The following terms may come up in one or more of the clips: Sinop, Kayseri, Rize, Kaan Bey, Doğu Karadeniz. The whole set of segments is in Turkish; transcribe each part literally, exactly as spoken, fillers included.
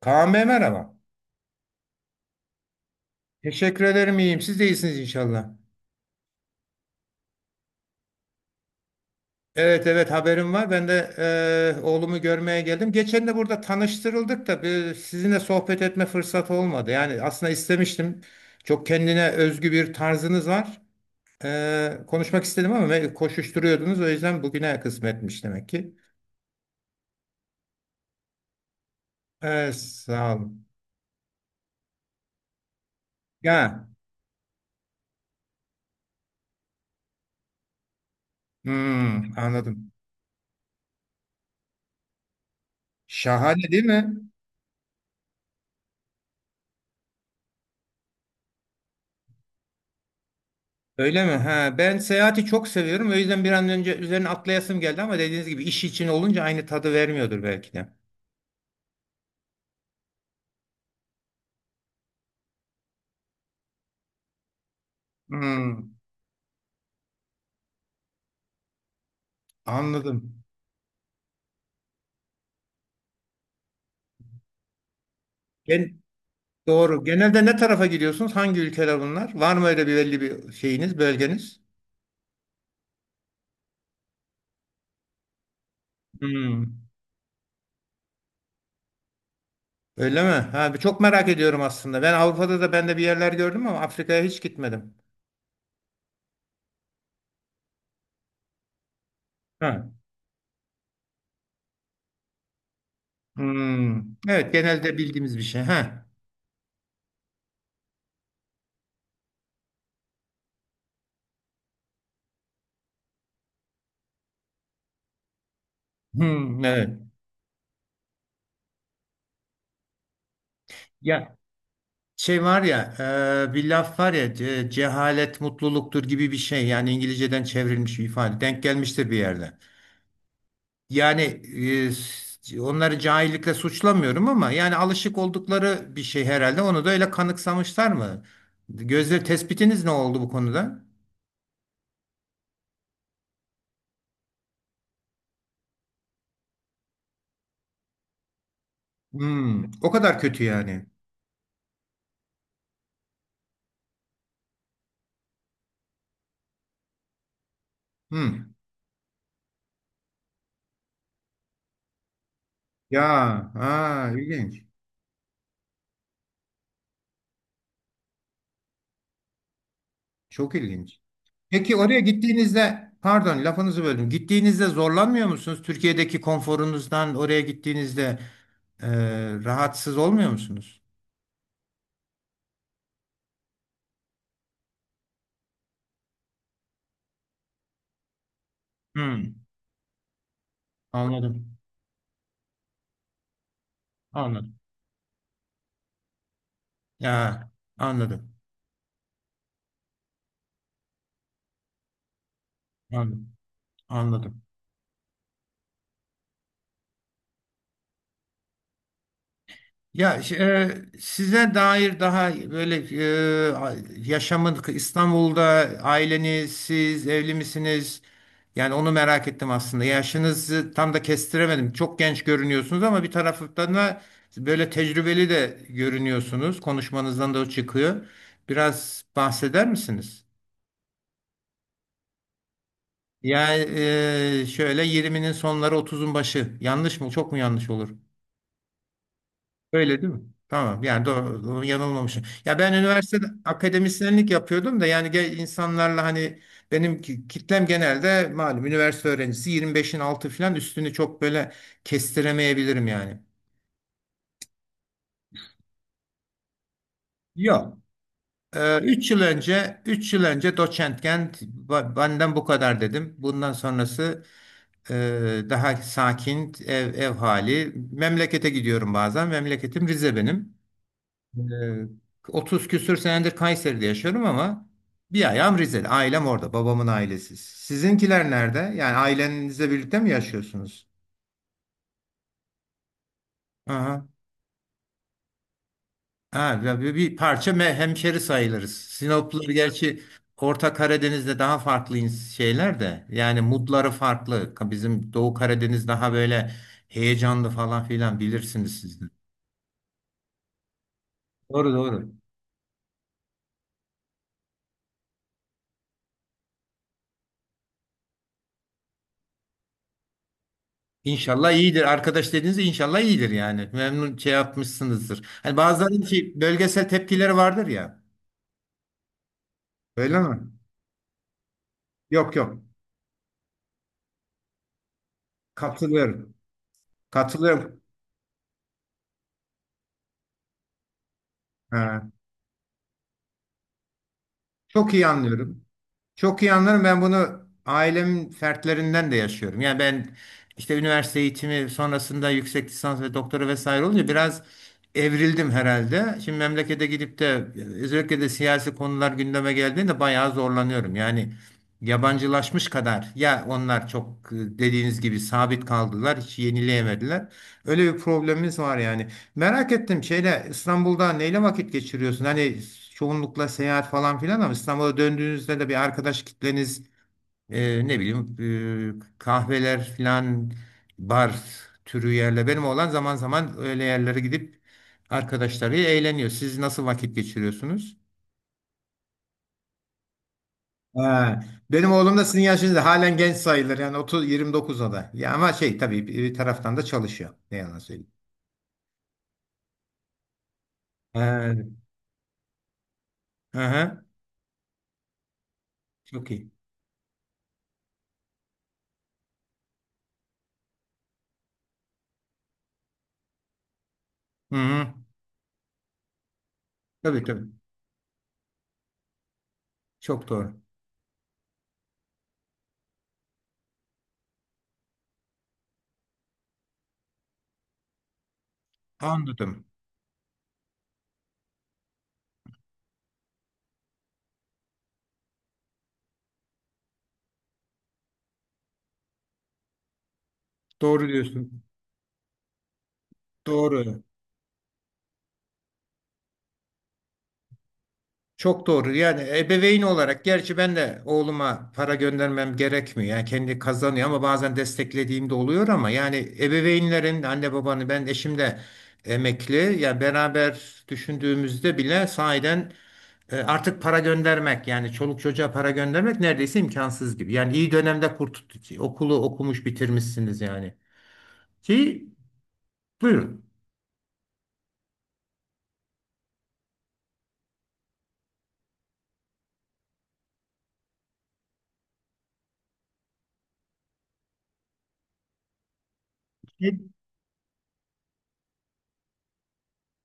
Kaan Bey merhaba. Teşekkür ederim iyiyim. Siz de iyisiniz inşallah. Evet evet haberim var. Ben de e, oğlumu görmeye geldim. Geçen de burada tanıştırıldık da bir, sizinle sohbet etme fırsatı olmadı. Yani aslında istemiştim. Çok kendine özgü bir tarzınız var. E, konuşmak istedim ama ve koşuşturuyordunuz. O yüzden bugüne kısmetmiş demek ki. E, sağ olun. Ya, hmm, anladım. Şahane değil mi? Öyle mi? Ha, ben seyahati çok seviyorum. O yüzden bir an önce üzerine atlayasım geldi ama dediğiniz gibi iş için olunca aynı tadı vermiyordur belki de. Hmm, anladım. Gen doğru. Genelde ne tarafa gidiyorsunuz? Hangi ülkeler bunlar? Var mı öyle bir belli bir şeyiniz, bölgeniz? Hmm. Öyle mi? Ha, çok merak ediyorum aslında. Ben Avrupa'da da ben de bir yerler gördüm ama Afrika'ya hiç gitmedim. Ha. Hmm. Evet, genelde bildiğimiz bir şey. Ha. Hmm. Evet. Ya, şey var ya, e, bir laf var ya, ce- cehalet mutluluktur gibi bir şey. Yani İngilizceden çevrilmiş bir ifade. Denk gelmiştir bir yerde. Yani e, s- onları cahillikle suçlamıyorum ama yani alışık oldukları bir şey herhalde. Onu da öyle kanıksamışlar mı? Gözle tespitiniz ne oldu bu konuda? Hmm, o kadar kötü yani. Hmm. Ya, ha, ilginç. Çok ilginç. Peki oraya gittiğinizde, pardon lafınızı böldüm. Gittiğinizde zorlanmıyor musunuz? Türkiye'deki konforunuzdan oraya gittiğinizde e, rahatsız olmuyor musunuz? Hmm, anladım. Anladım. Ya, anladım. Anladım. Anladım. Ya ş- e, Size dair daha böyle e, a- yaşamın İstanbul'da aileniz, siz evli misiniz? Yani onu merak ettim aslında. Yaşınızı tam da kestiremedim. Çok genç görünüyorsunuz ama bir taraftan da böyle tecrübeli de görünüyorsunuz. Konuşmanızdan da o çıkıyor. Biraz bahseder misiniz? Yani e, şöyle yirminin sonları otuzun başı. Yanlış mı? Çok mu yanlış olur? Öyle değil mi? Tamam yani doğru, doğru, yanılmamışım. Ya ben üniversitede akademisyenlik yapıyordum da yani ge- insanlarla hani benim ki- kitlem genelde malum üniversite öğrencisi yirmi beşin altı falan üstünü çok böyle kestiremeyebilirim yani. Yok. Ee, 3 yıl önce üç yıl önce doçentken ba- benden bu kadar dedim. Bundan sonrası e, daha sakin ev, ev hali. Memlekete gidiyorum bazen. Memleketim Rize benim. Ee, otuz küsür senedir Kayseri'de yaşıyorum ama bir ayağım Rize'de. Ailem orada. Babamın ailesi. Sizinkiler nerede? Yani ailenizle birlikte mi yaşıyorsunuz? Aha. Ha, ya bir, bir parça me- hemşeri sayılırız. Sinoplular gerçi Orta Karadeniz'de daha farklı ins- şeyler de. Yani mutları farklı. Ka- Bizim Doğu Karadeniz daha böyle heyecanlı falan filan bilirsiniz siz de. Doğru doğru. İnşallah iyidir. Arkadaş dediğinizde inşallah iyidir yani. Memnun şey yapmışsınızdır. Hani bazılarının ki bölgesel tepkileri vardır ya. Öyle mi? Yok yok. Katılıyorum. Katılıyorum. Ha, çok iyi anlıyorum. Çok iyi anlarım. Ben bunu ailemin fertlerinden de yaşıyorum. Yani ben işte üniversite eğitimi sonrasında yüksek lisans ve doktora vesaire olunca biraz evrildim herhalde. Şimdi memlekete gidip de özellikle de siyasi konular gündeme geldiğinde bayağı zorlanıyorum. Yani yabancılaşmış kadar ya onlar çok e, dediğiniz gibi sabit kaldılar, hiç yenileyemediler. Öyle bir problemimiz var yani. Merak ettim şeyle İstanbul'da neyle vakit geçiriyorsun? Hani çoğunlukla seyahat falan filan ama İstanbul'a döndüğünüzde de bir arkadaş kitleniz e, ne bileyim e, kahveler filan bar türü yerle benim olan zaman zaman öyle yerlere gidip arkadaşlarıyla eğleniyor. Siz nasıl vakit geçiriyorsunuz? Ha, benim oğlum da sizin yaşınızda halen genç sayılır yani 30 yirmi dokuza da. Ya ama şey tabii bir bir taraftan da çalışıyor. Ne yalan söyleyeyim. Ha, aha, çok iyi. Hı hı. Tabii tabii. Çok doğru. Anladım. Doğru diyorsun. Doğru. Çok doğru. Yani ebeveyn olarak gerçi ben de oğluma para göndermem gerekmiyor. Yani kendi kazanıyor ama bazen desteklediğim de oluyor ama yani ebeveynlerin anne babanı ben eşim de emekli. Yani beraber düşündüğümüzde bile sahiden e, artık para göndermek yani çoluk çocuğa para göndermek neredeyse imkansız gibi. Yani iyi dönemde kurtuldu. Okulu okumuş bitirmişsiniz yani. Ki buyurun.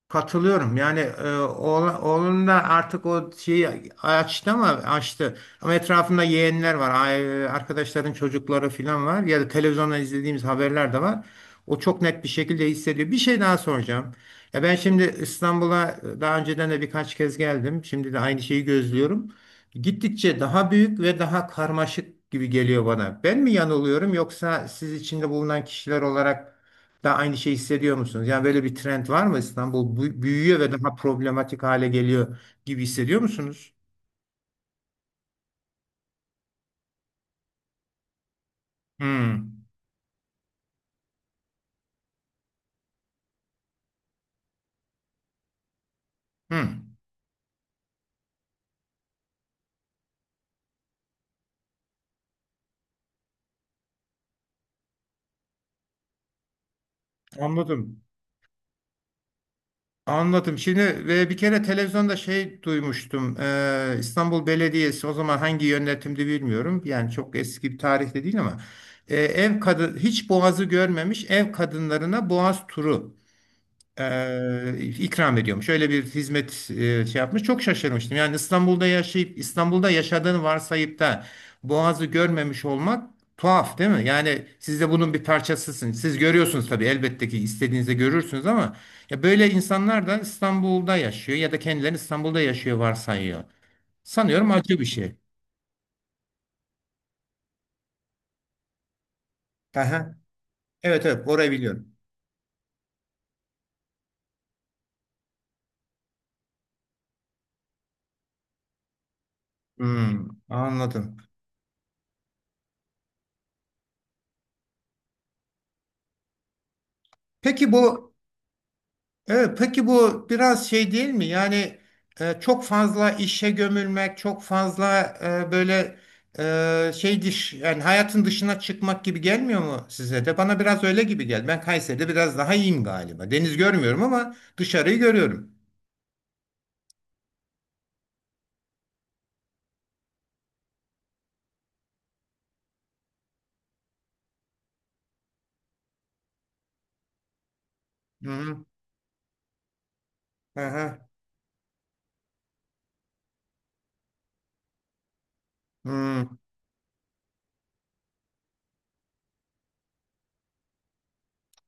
Katılıyorum. Yani e, oğla- oğlum da artık o şeyi açtı ama açtı. Ama etrafında yeğenler var. ay- Arkadaşların çocukları falan var. Ya da televizyondan izlediğimiz haberler de var. O çok net bir şekilde hissediyor. Bir şey daha soracağım. Ya ben şimdi İstanbul'a e, daha önceden de birkaç kez geldim. Şimdi de aynı şeyi gözlüyorum. Gittikçe daha büyük ve daha karmaşık gibi geliyor bana. Ben mi yanılıyorum yoksa siz içinde bulunan kişiler olarak da aynı şey hissediyor musunuz? Yani böyle bir trend var mı İstanbul bu- büyüyor ve daha problematik hale geliyor gibi hissediyor musunuz? Hmm. Hmm. Anladım. Anladım. Şimdi ve bir kere televizyonda şey duymuştum. Ee, İstanbul Belediyesi o zaman hangi yönetimdi bilmiyorum. Yani çok eski bir tarihte değil ama e, ev kadın hiç boğazı görmemiş ev kadınlarına boğaz turu e, ikram ediyormuş. Öyle bir hizmet e, şey yapmış. Çok şaşırmıştım. Yani İstanbul'da yaşayıp İstanbul'da yaşadığını varsayıp da Boğaz'ı görmemiş olmak tuhaf değil mi? Yani siz de bunun bir parçasısınız. Siz görüyorsunuz tabii elbette ki istediğinizde görürsünüz ama ya böyle insanlar da İstanbul'da yaşıyor ya da kendilerini İstanbul'da yaşıyor varsayıyor. Sanıyorum acı bir şey. Aha. Evet evet orayı biliyorum. Hmm, anladım. Peki bu Evet, peki bu biraz şey değil mi? Yani e, çok fazla işe gömülmek, çok fazla e, böyle e, şey dış yani hayatın dışına çıkmak gibi gelmiyor mu size de? Bana biraz öyle gibi geldi. Ben Kayseri'de biraz daha iyiyim galiba. Deniz görmüyorum ama dışarıyı görüyorum. Hı hı. Hı hı. Hı,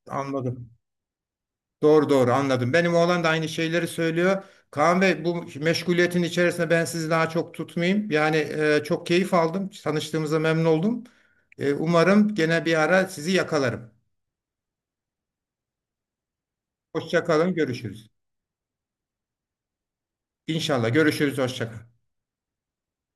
anladım. Doğru doğru anladım. Benim oğlan da aynı şeyleri söylüyor. Kaan Bey bu meşguliyetin içerisinde ben sizi daha çok tutmayayım. Yani e, çok keyif aldım. Tanıştığımıza memnun oldum. E, umarım gene bir ara sizi yakalarım. Hoşça kalın, görüşürüz. İnşallah görüşürüz, hoşça kalın.